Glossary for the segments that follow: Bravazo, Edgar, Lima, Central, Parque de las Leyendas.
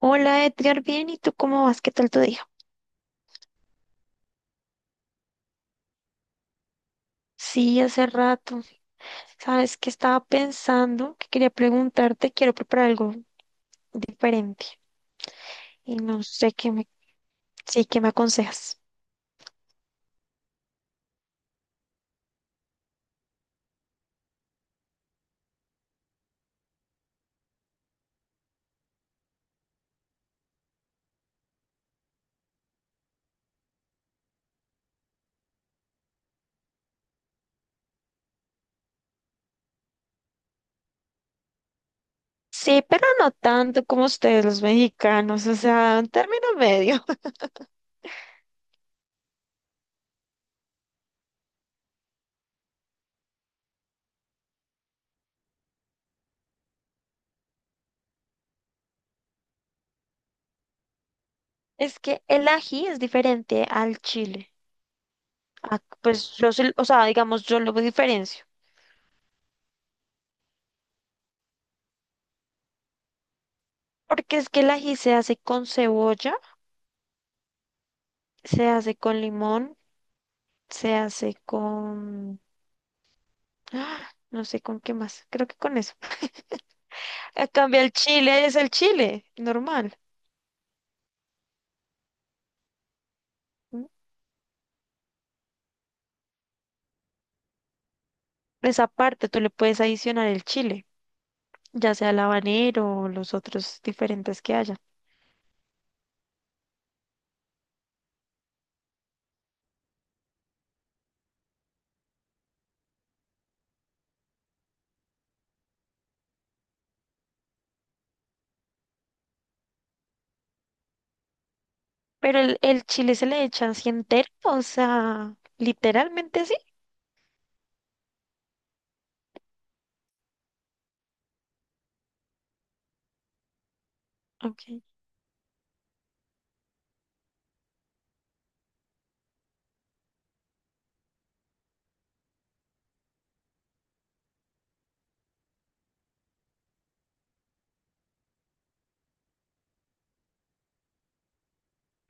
Hola Edgar, bien, ¿y tú cómo vas? ¿Qué tal tu día? Sí, hace rato. Sabes que estaba pensando que quería preguntarte, quiero preparar algo diferente y no sé qué me, sí, qué me aconsejas. Sí, pero no tanto como ustedes los mexicanos, o sea, un término medio. Es que el ají es diferente al chile. Ah, pues yo, o sea, digamos, yo lo diferencio. Porque es que el ají se hace con cebolla. Se hace con limón, se hace con... ¡Ah! No sé con qué más, creo que con eso. A cambio, el chile es el chile, normal. ¿M? Esa parte tú le puedes adicionar el chile, ya sea el habanero o los otros diferentes que haya. Pero el chile se le echa así entero, o sea, literalmente así. Okay.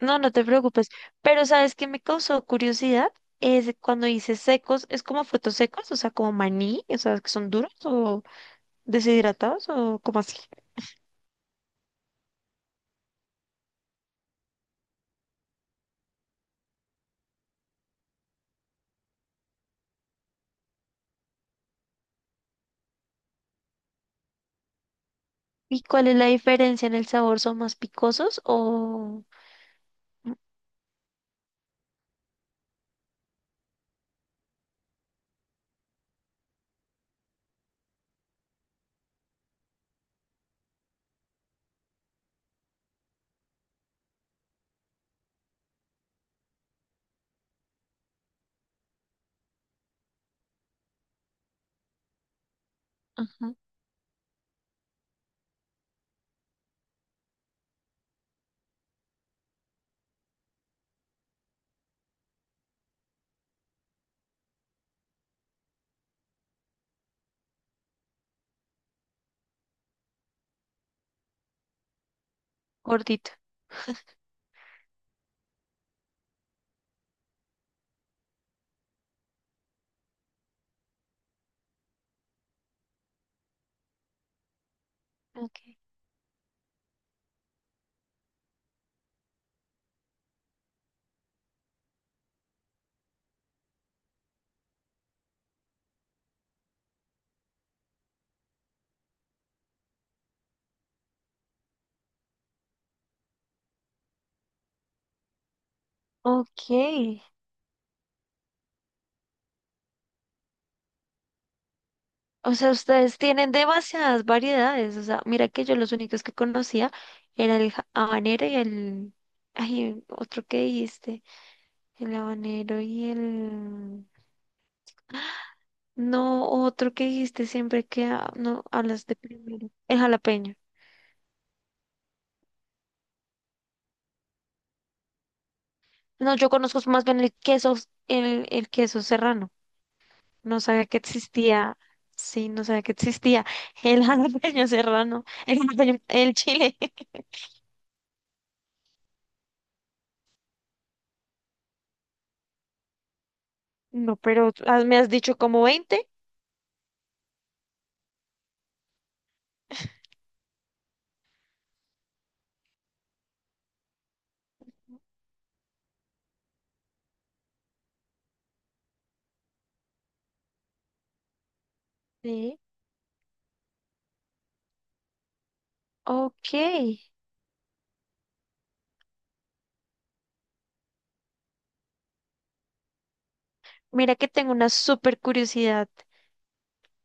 No, no te preocupes. Pero ¿sabes qué me causó curiosidad? Es cuando dices secos, ¿es como frutos secos? O sea, como maní, o sea, que son duros o... ¿Deshidratados o cómo así? ¿Y cuál es la diferencia en el sabor? ¿Son más picosos o ajá, gordito. Okay. Ok. O sea, ustedes tienen demasiadas variedades. O sea, mira que yo los únicos que conocía era el habanero y el... Ay, otro que dijiste. El habanero y el... No, otro que dijiste siempre que no hablas de primero. El jalapeño. No, yo conozco más bien el queso, el queso serrano. No sabía que existía. Sí, no sabía que existía. El jalapeño serrano. El jalapeño, el chile. No, pero ah, me has dicho como 20. Sí. Ok. Mira que tengo una súper curiosidad.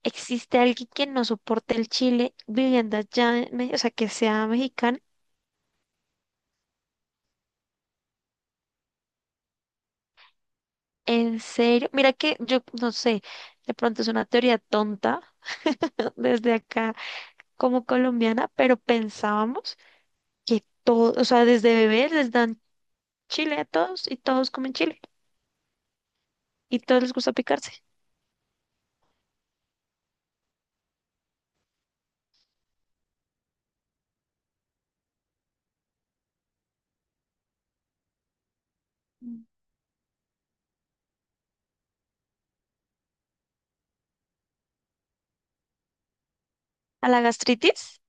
¿Existe alguien que no soporte el chile viviendo allá, en o sea, que sea mexicano? ¿En serio? Mira que yo no sé, de pronto es una teoría tonta desde acá como colombiana, pero pensábamos que todo, o sea, desde bebés les dan chile a todos y todos comen chile y todos les gusta picarse. Mm. ¿A la gastritis?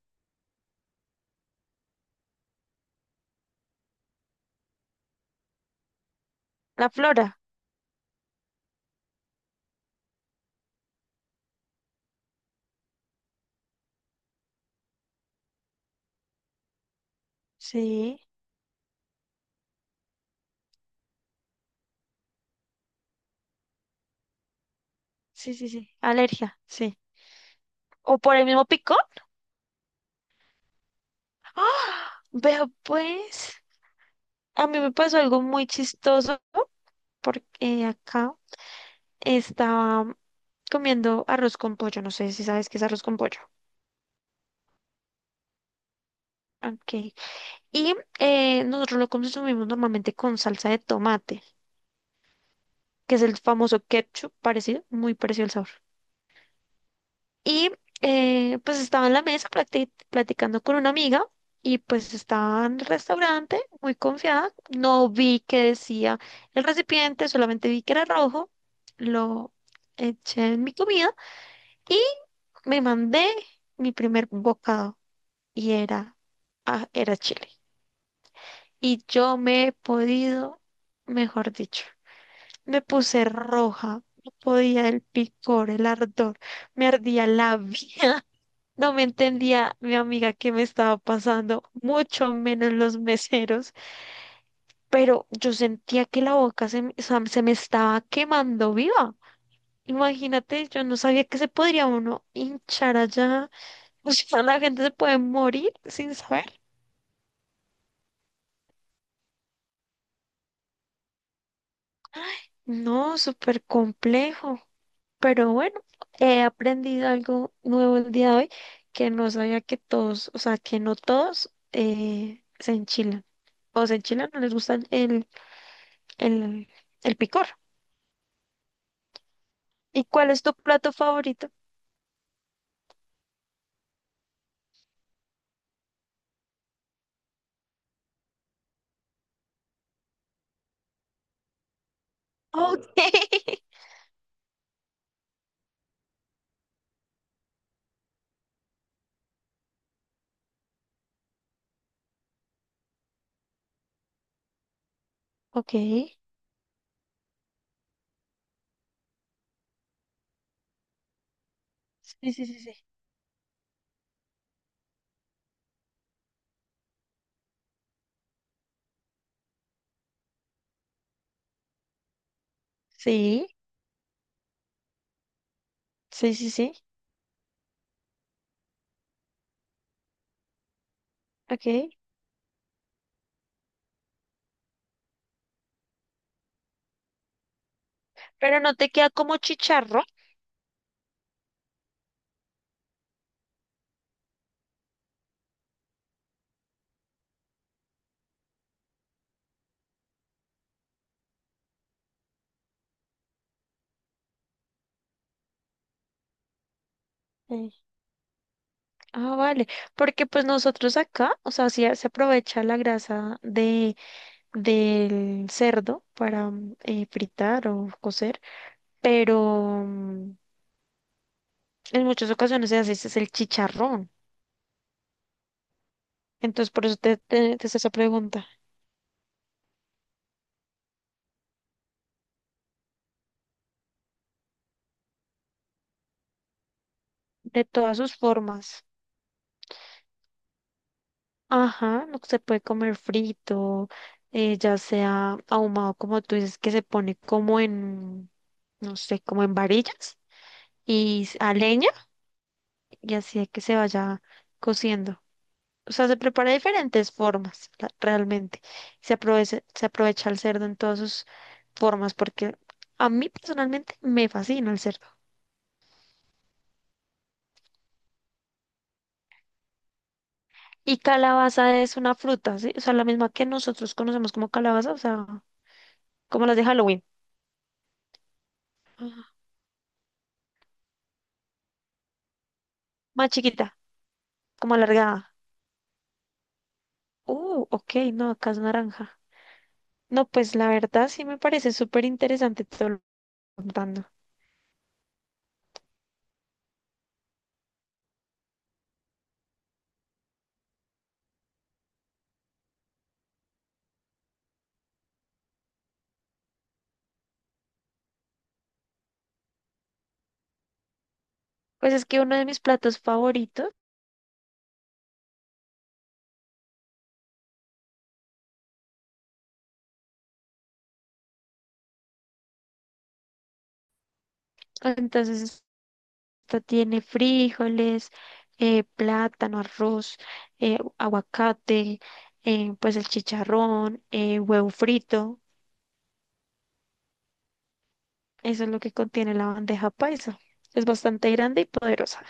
La flora. Sí, sí, sí, sí. Alergia, sí. ¿O por el mismo picón? ¡Ah! Vea pues, a mí me pasó algo muy chistoso porque acá estaba comiendo arroz con pollo. No sé si sabes qué es arroz con pollo. Ok. Y nosotros lo consumimos normalmente con salsa de tomate, que es el famoso ketchup parecido, muy parecido el sabor. Y pues estaba en la mesa platicando con una amiga y pues estaba en el restaurante muy confiada. No vi que decía el recipiente, solamente vi que era rojo. Lo eché en mi comida y me mandé mi primer bocado y era, ah, era chile. Y yo me he podido, mejor dicho, me puse roja. No podía el picor, el ardor, me ardía la vida. No me entendía mi amiga qué me estaba pasando, mucho menos los meseros, pero yo sentía que la boca o sea, se me estaba quemando viva. Imagínate, yo no sabía que se podría uno hinchar allá. O sea, la gente se puede morir sin saber. No, súper complejo. Pero bueno, he aprendido algo nuevo el día de hoy que no sabía que todos, o sea, que no todos se enchilan. O se enchilan, no les gusta el, el picor. ¿Y cuál es tu plato favorito? Ok, ok. Sí, sí, sí, sí. Sí, sí, sí, sí. Ok. Pero no te queda como chicharro. Sí. Ah, vale. Porque pues nosotros acá, o sea, sí se aprovecha la grasa de, del cerdo para fritar o cocer, pero en muchas ocasiones se hace es el chicharrón. Entonces, por eso te hice esa pregunta. De todas sus formas. Ajá, no se puede comer frito, ya sea ahumado como tú dices, que se pone como en, no sé, como en varillas y a leña y así es que se vaya cociendo. O sea, se prepara de diferentes formas, realmente. Se aprovecha el cerdo en todas sus formas porque a mí personalmente me fascina el cerdo. Y calabaza es una fruta, ¿sí? O sea, la misma que nosotros conocemos como calabaza, o sea, como las de Halloween, más chiquita, como alargada. Ok, no, acá es naranja. No, pues la verdad sí me parece súper interesante todo lo que estás contando. Pues es que uno de mis platos favoritos, entonces esta tiene frijoles, plátano, arroz, aguacate, pues el chicharrón, huevo frito. Eso es lo que contiene la bandeja paisa. Es bastante grande y poderosa.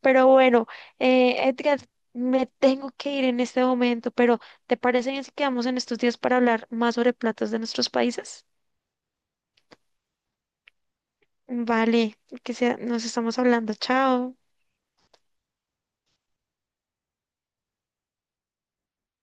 Pero bueno, Edgar, me tengo que ir en este momento, pero ¿te parece bien si quedamos en estos días para hablar más sobre platos de nuestros países? Vale, que sea, nos estamos hablando. Chao.